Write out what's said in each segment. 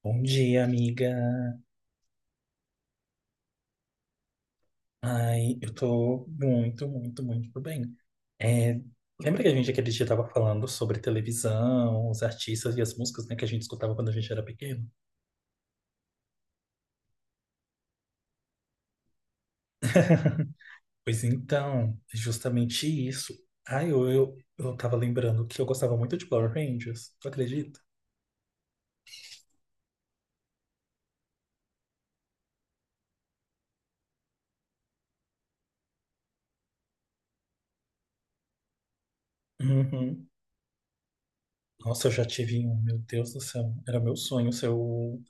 Bom dia, amiga. Ai, eu tô muito, muito, muito bem. É, lembra que a gente aquele dia tava falando sobre televisão, os artistas e as músicas, né, que a gente escutava quando a gente era pequeno? Pois então, é justamente isso. Ai, eu tava lembrando que eu gostava muito de Power Rangers, tu acredita? Uhum. Nossa, eu já tive um, meu Deus do céu, era meu sonho ser o...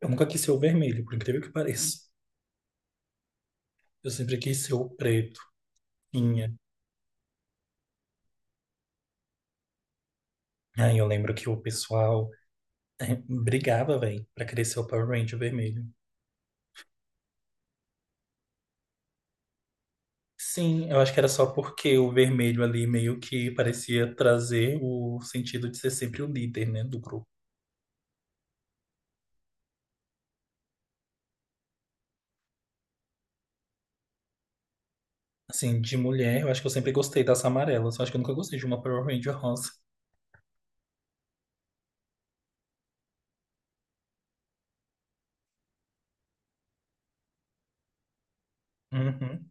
Eu nunca quis ser o vermelho, por incrível que pareça. Eu sempre quis ser o preto. Tinha. Aí eu lembro que o pessoal É, brigava, velho, pra crescer o Power Ranger vermelho. Sim, eu acho que era só porque o vermelho ali meio que parecia trazer o sentido de ser sempre o líder, né, do grupo. Assim, de mulher, eu acho que eu sempre gostei das amarelas. Eu acho que eu nunca gostei de uma Power Ranger rosa. Uhum.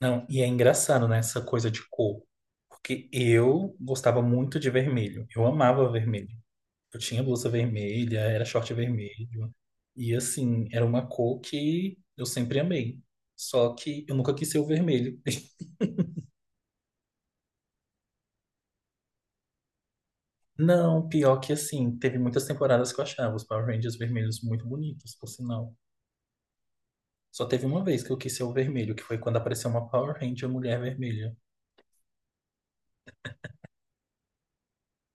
Não, e é engraçado, né, essa coisa de cor. Porque eu gostava muito de vermelho. Eu amava vermelho. Eu tinha blusa vermelha, era short vermelho. E assim, era uma cor que eu sempre amei. Só que eu nunca quis ser o vermelho. Não, pior que assim, teve muitas temporadas que eu achava os Power Rangers vermelhos muito bonitos, por sinal. Só teve uma vez que eu quis ser o vermelho, que foi quando apareceu uma Power Ranger mulher vermelha.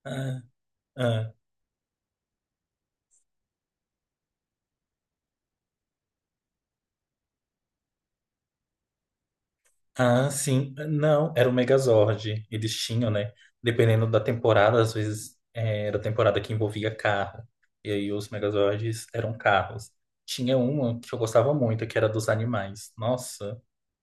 Ah, ah. Ah, sim. Não, era o Megazord. Eles tinham, né? Dependendo da temporada, às vezes era a temporada que envolvia carro. E aí os Megazords eram carros. Tinha uma que eu gostava muito, que era dos animais. Nossa,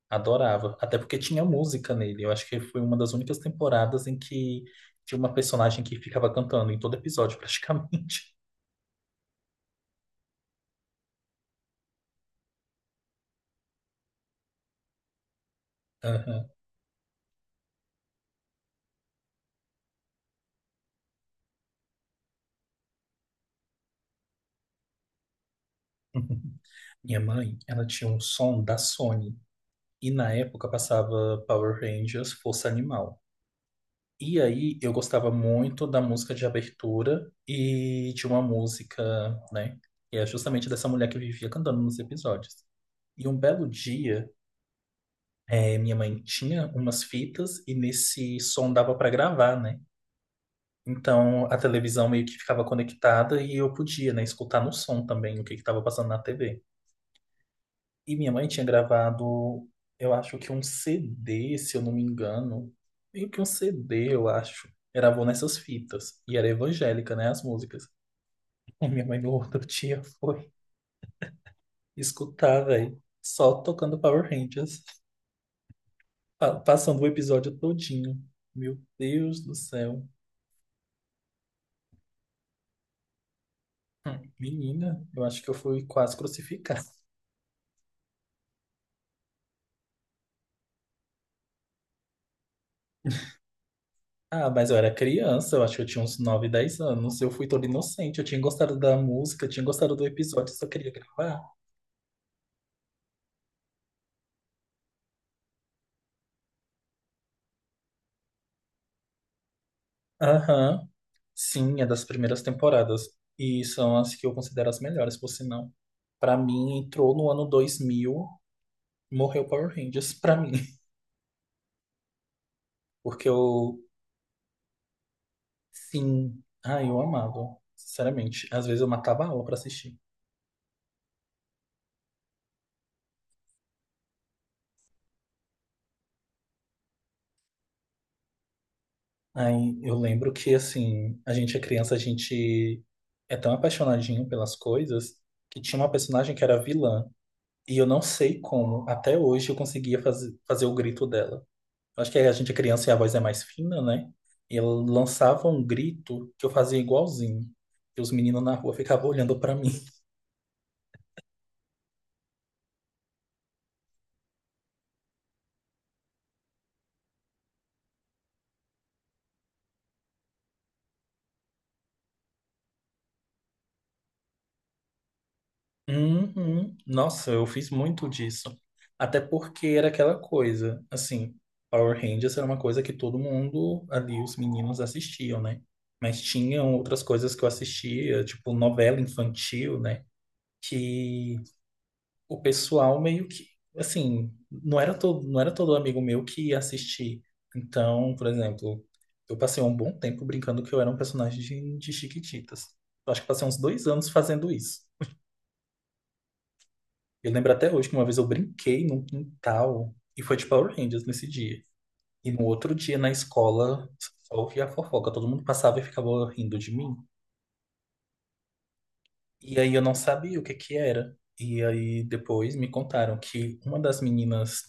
adorava. Até porque tinha música nele. Eu acho que foi uma das únicas temporadas em que tinha uma personagem que ficava cantando em todo episódio, praticamente. Aham. Minha mãe, ela tinha um som da Sony. E na época passava Power Rangers, Força Animal. E aí eu gostava muito da música de abertura e de uma música, né? E é justamente dessa mulher que eu vivia cantando nos episódios. E um belo dia, minha mãe tinha umas fitas e nesse som dava para gravar, né? Então a televisão meio que ficava conectada e eu podia, né, escutar no som também o que que estava passando na TV. E minha mãe tinha gravado, eu acho que um CD, se eu não me engano. Meio que um CD, eu acho. Gravou nessas fitas. E era evangélica, né? As músicas. E minha mãe no outro dia foi escutar, velho. Só tocando Power Rangers. Passando o episódio todinho. Meu Deus do céu. Menina, eu acho que eu fui quase crucificado. Ah, mas eu era criança, eu acho que eu tinha uns 9 10 anos. Eu fui todo inocente, eu tinha gostado da música, eu tinha gostado do episódio, só queria gravar. Aham. Sim, é das primeiras temporadas. E são as que eu considero as melhores, por sinal. Pra mim, entrou no ano 2000, morreu Power Rangers pra mim. Porque eu, sim, ah, eu amava, sinceramente. Às vezes eu matava a aula pra assistir. Aí eu lembro que, assim, a gente é criança, a gente é tão apaixonadinho pelas coisas que tinha uma personagem que era vilã. E eu não sei como, até hoje, eu conseguia fazer o grito dela. Acho que a gente é criança e a voz é mais fina, né? Ele lançava um grito que eu fazia igualzinho. E os meninos na rua ficavam olhando pra mim. Uhum. Nossa, eu fiz muito disso. Até porque era aquela coisa, assim, Power Rangers era uma coisa que todo mundo ali, os meninos, assistiam, né? Mas tinham outras coisas que eu assistia, tipo novela infantil, né? Que o pessoal meio que, assim, não era todo amigo meu que ia assistir. Então, por exemplo, eu passei um bom tempo brincando que eu era um personagem de Chiquititas. Eu acho que passei uns 2 anos fazendo isso. Eu lembro até hoje que uma vez eu brinquei num quintal e foi de Power Rangers nesse dia. E no outro dia na escola, só ouvia a fofoca, todo mundo passava e ficava rindo de mim. E aí eu não sabia o que que era. E aí depois me contaram que uma das meninas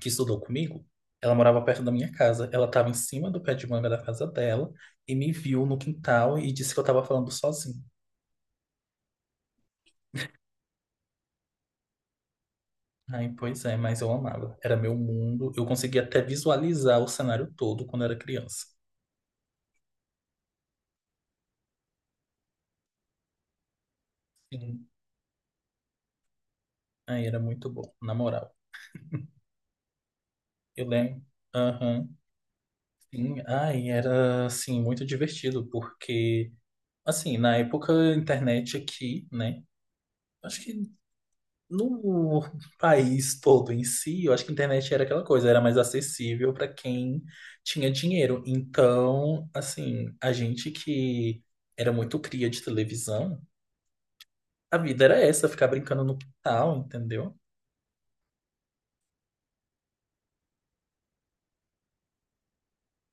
que estudou comigo, ela morava perto da minha casa. Ela estava em cima do pé de manga da casa dela e me viu no quintal e disse que eu estava falando sozinho. Aí, pois é, mas eu amava. Era meu mundo. Eu conseguia até visualizar o cenário todo quando era criança. Sim. Aí era muito bom, na moral. Eu lembro. Aham. Sim. Aí era, assim, muito divertido, porque, assim, na época, a internet aqui, né? Acho que no país todo em si, eu acho que a internet era aquela coisa, era mais acessível para quem tinha dinheiro. Então, assim, a gente que era muito cria de televisão, a vida era essa, ficar brincando no quintal, entendeu?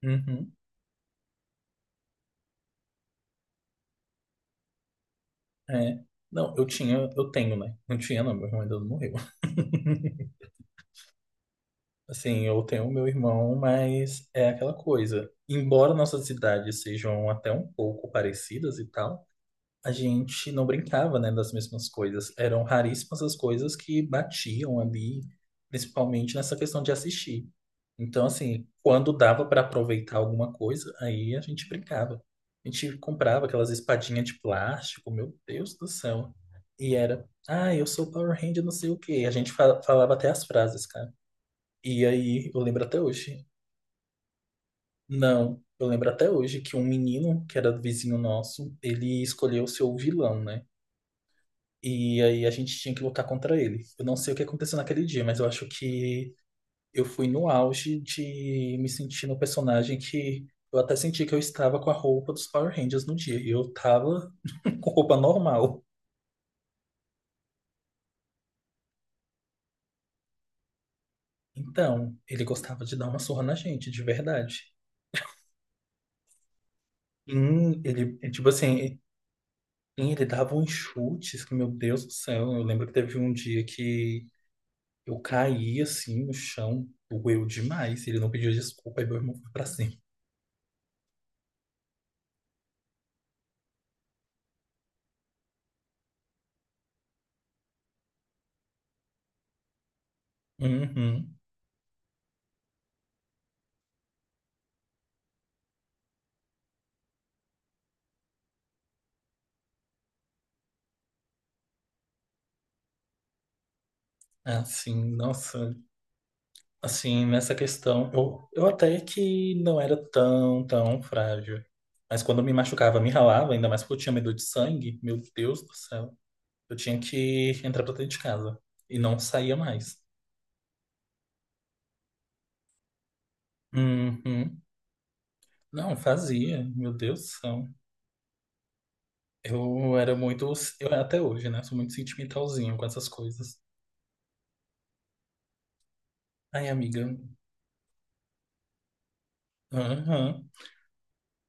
Uhum, é. Não, eu tinha, eu tenho, né? Não tinha, não, meu irmão ainda não morreu. Assim, eu tenho meu irmão, mas é aquela coisa. Embora nossas idades sejam até um pouco parecidas e tal. A gente não brincava, né, das mesmas coisas. Eram raríssimas as coisas que batiam ali, principalmente nessa questão de assistir. Então, assim, quando dava para aproveitar alguma coisa, aí a gente brincava. A gente comprava aquelas espadinhas de plástico, meu Deus do céu. E era, ah, eu sou Power Ranger, não sei o quê. A gente falava até as frases, cara. E aí, eu lembro até hoje. Não, eu lembro até hoje que um menino que era vizinho nosso, ele escolheu ser o seu vilão, né? E aí a gente tinha que lutar contra ele. Eu não sei o que aconteceu naquele dia, mas eu acho que eu fui no auge de me sentir no personagem que eu até senti que eu estava com a roupa dos Power Rangers no dia. E eu tava com roupa normal. Então, ele gostava de dar uma surra na gente, de verdade. Ele, é tipo assim, ele dava uns chutes que, meu Deus do céu, eu lembro que teve um dia que eu caí assim no chão, doeu demais. Ele não pediu desculpa, aí meu irmão foi pra cima. Uhum. Ah, sim, nossa, assim, nessa questão, eu até que não era tão, tão frágil. Mas quando eu me machucava, me ralava, ainda mais porque eu tinha medo de sangue, meu Deus do céu. Eu tinha que entrar pra dentro de casa e não saía mais. Uhum. Não, fazia, meu Deus do céu. Eu era muito, eu até hoje, né, sou muito sentimentalzinho com essas coisas. Ai, amiga, aham.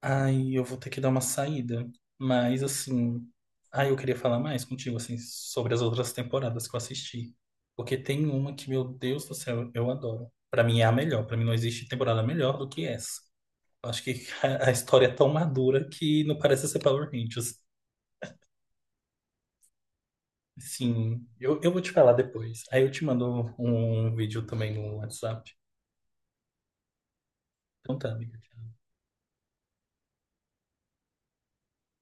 Ai, eu vou ter que dar uma saída. Mas, assim. Ai, eu queria falar mais contigo, assim, sobre as outras temporadas que eu assisti. Porque tem uma que, meu Deus do céu, eu adoro. Pra mim é a melhor. Pra mim não existe temporada melhor do que essa. Eu acho que a história é tão madura que não parece ser Power Rangers. Sim, eu vou te falar depois. Aí eu te mando um vídeo também no WhatsApp. Então tá, amiga.